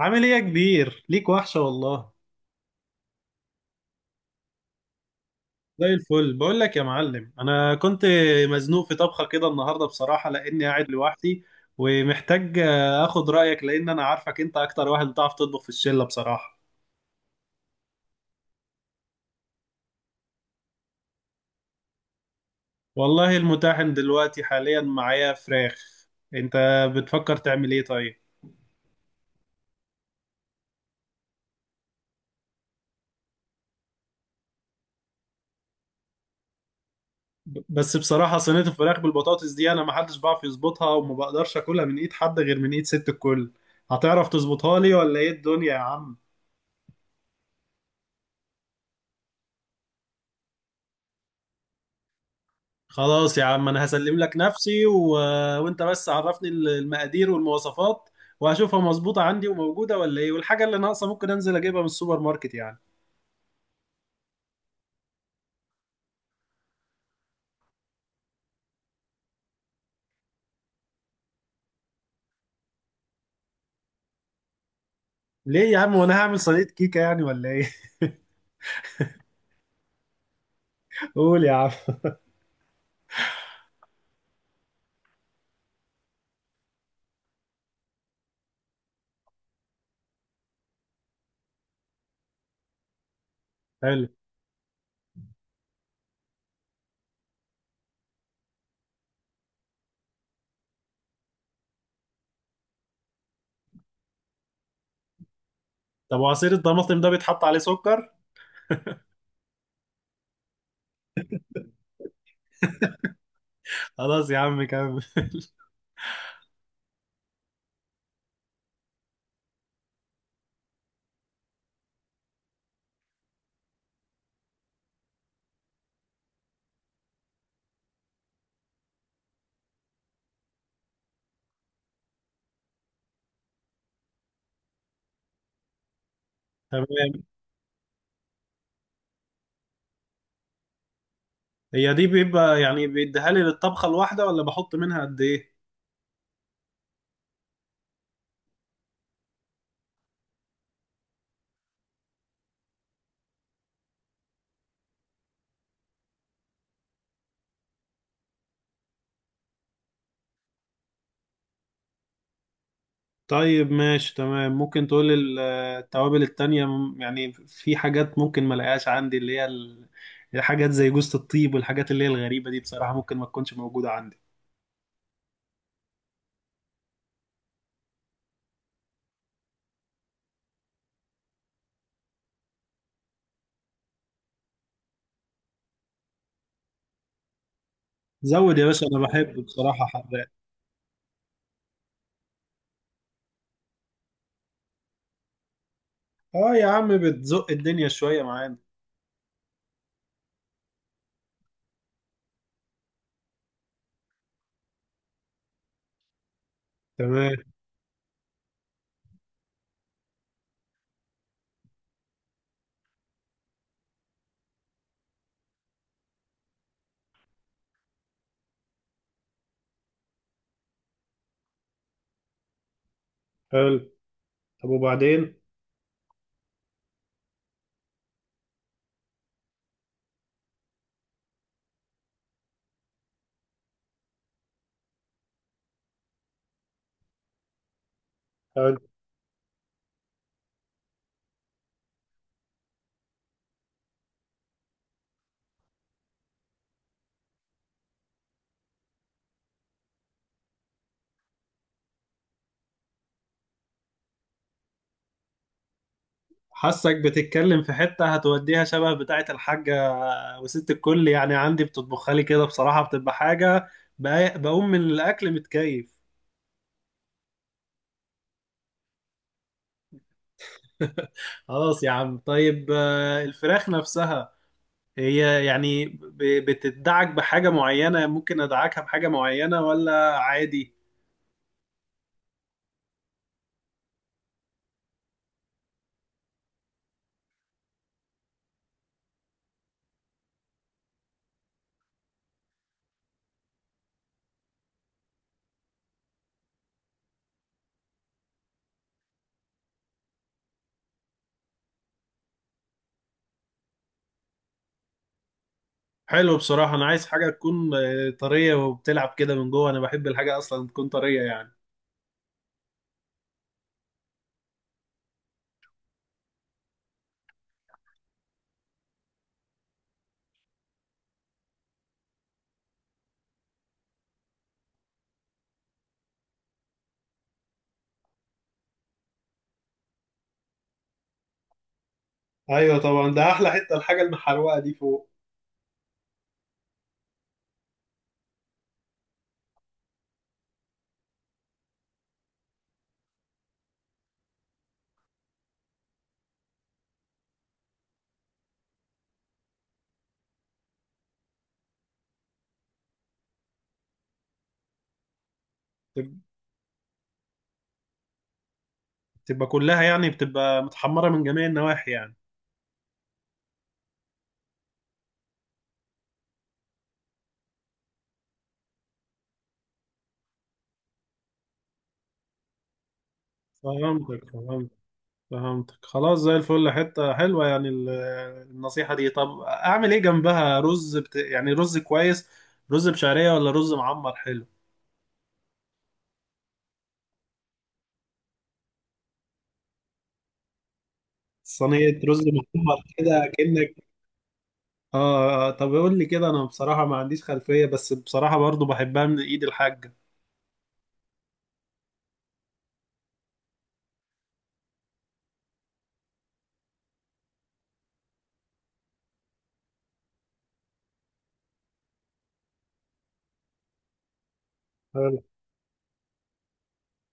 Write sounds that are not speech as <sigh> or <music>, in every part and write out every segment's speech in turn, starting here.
عامل ايه يا كبير؟ ليك وحشة والله. زي الفل بقول لك يا معلم، انا كنت مزنوق في طبخه كده النهارده بصراحه، لاني قاعد لوحدي ومحتاج اخد رايك، لان انا عارفك انت اكتر واحد بتعرف تطبخ في الشله بصراحه. والله المتاحن دلوقتي حاليا معايا فراخ. انت بتفكر تعمل ايه طيب؟ بس بصراحه صينيه الفراخ بالبطاطس دي انا ما حدش بعرف يظبطها، وما بقدرش اكلها من ايد حد غير من ايد ست الكل. هتعرف تظبطها لي ولا ايه الدنيا يا عم؟ خلاص يا عم، انا هسلم لك نفسي وانت بس عرفني المقادير والمواصفات، وهشوفها مظبوطة عندي وموجودة ولا ايه، والحاجة اللي ناقصة ممكن انزل اجيبها من السوبر ماركت يعني. ليه يا عم، وانا هعمل صينية كيكة يعني ولا ايه؟ <laughs> قول يا عم. حلو. طب وعصير الطماطم ده بيتحط عليه سكر؟ خلاص يا عم كمل. <laughs> تمام. هي دي بيبقى يعني بيديها لي للطبخة الواحدة، ولا بحط منها قد ايه؟ طيب ماشي تمام. ممكن تقول التوابل التانية، يعني في حاجات ممكن ما الاقيهاش عندي، اللي هي الحاجات زي جوزة الطيب والحاجات اللي هي الغريبة دي، بصراحة ممكن ما تكونش موجودة عندي. زود يا باشا، انا بحب بصراحة حراق. اه يا عم، بتزق الدنيا شوية معانا. تمام. حلو. طب وبعدين؟ حلو. حاسك بتتكلم في حتة هتوديها شبه بتاعة الحاجة. وست الكل يعني عندي بتطبخها لي كده بصراحة، بتبقى حاجة بقوم من الأكل متكيف. خلاص يا عم طيب. الفراخ نفسها هي يعني، بتدعك بحاجة معينة؟ ممكن أدعكها بحاجة معينة ولا عادي؟ حلو. بصراحة أنا عايز حاجة تكون طرية وبتلعب كده من جوه، أنا بحب الحاجة أصلا تكون طرية يعني. أيوة طبعا، ده أحلى حتة، الحاجة المحروقة دي فوق. تب- تبقى كلها يعني، بتبقى متحمرة من جميع النواحي يعني؟ فهمتك، فهمتك، فهمتك، خلاص زي الفل. حتة حلوة يعني النصيحة دي. طب أعمل إيه جنبها، رز يعني رز كويس، رز بشعرية ولا رز معمر؟ حلو. صينية رز معمر كده أكنك. طب قول لي كده، أنا بصراحة ما عنديش خلفية، بس بصراحة برضو بحبها من إيد الحاجة. حلو.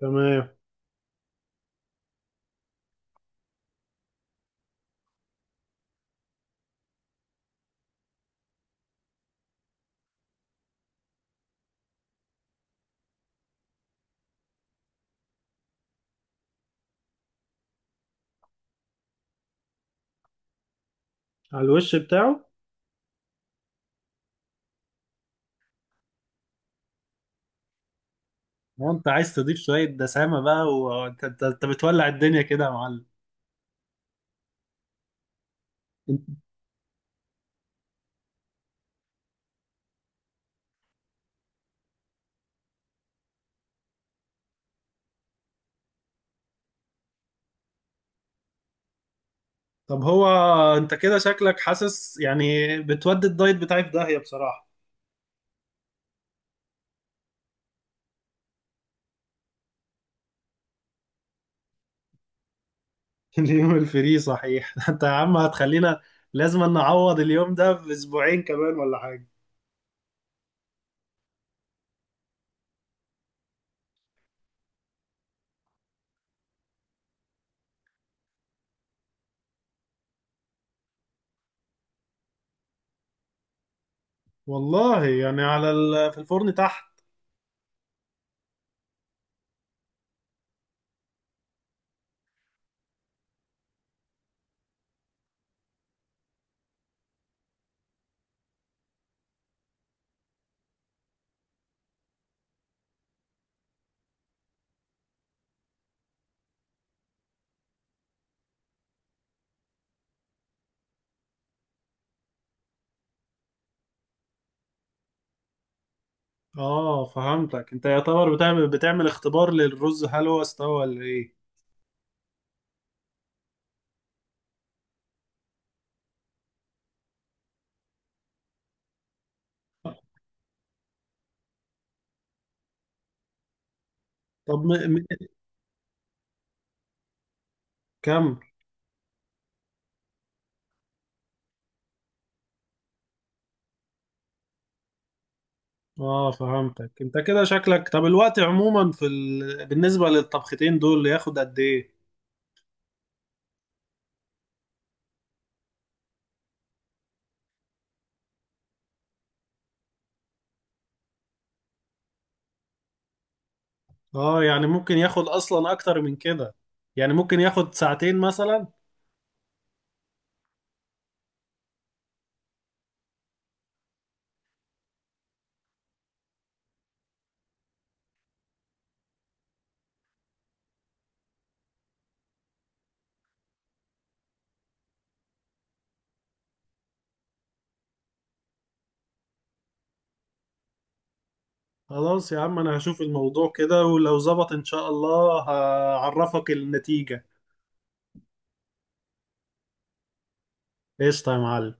تمام. على الوش بتاعه. وأنت عايز تضيف شوية دسامة بقى، وأنت أنت أنت بتولع الدنيا كده يا معلم. طب هو أنت كده شكلك حاسس يعني بتودي الدايت بتاعي في داهية بصراحة. <laughs> اليوم الفري صحيح. <laughs> انت يا عم هتخلينا لازم نعوض اليوم ده باسبوعين كمان ولا حاجه. والله يعني على في الفرن تحت. اه فهمتك، انت يعتبر بتعمل اختبار للرز، هل هو استوى ولا ايه؟ طب م... كم؟ اه فهمتك، انت كده شكلك. طب الوقت عموما في بالنسبه للطبختين دول ياخد قد ايه؟ اه، يعني ممكن ياخد اصلا اكتر من كده؟ يعني ممكن ياخد ساعتين مثلا؟ خلاص يا عم، انا هشوف الموضوع كده، ولو ظبط ان شاء الله هعرفك النتيجة. قشطة يا معلم.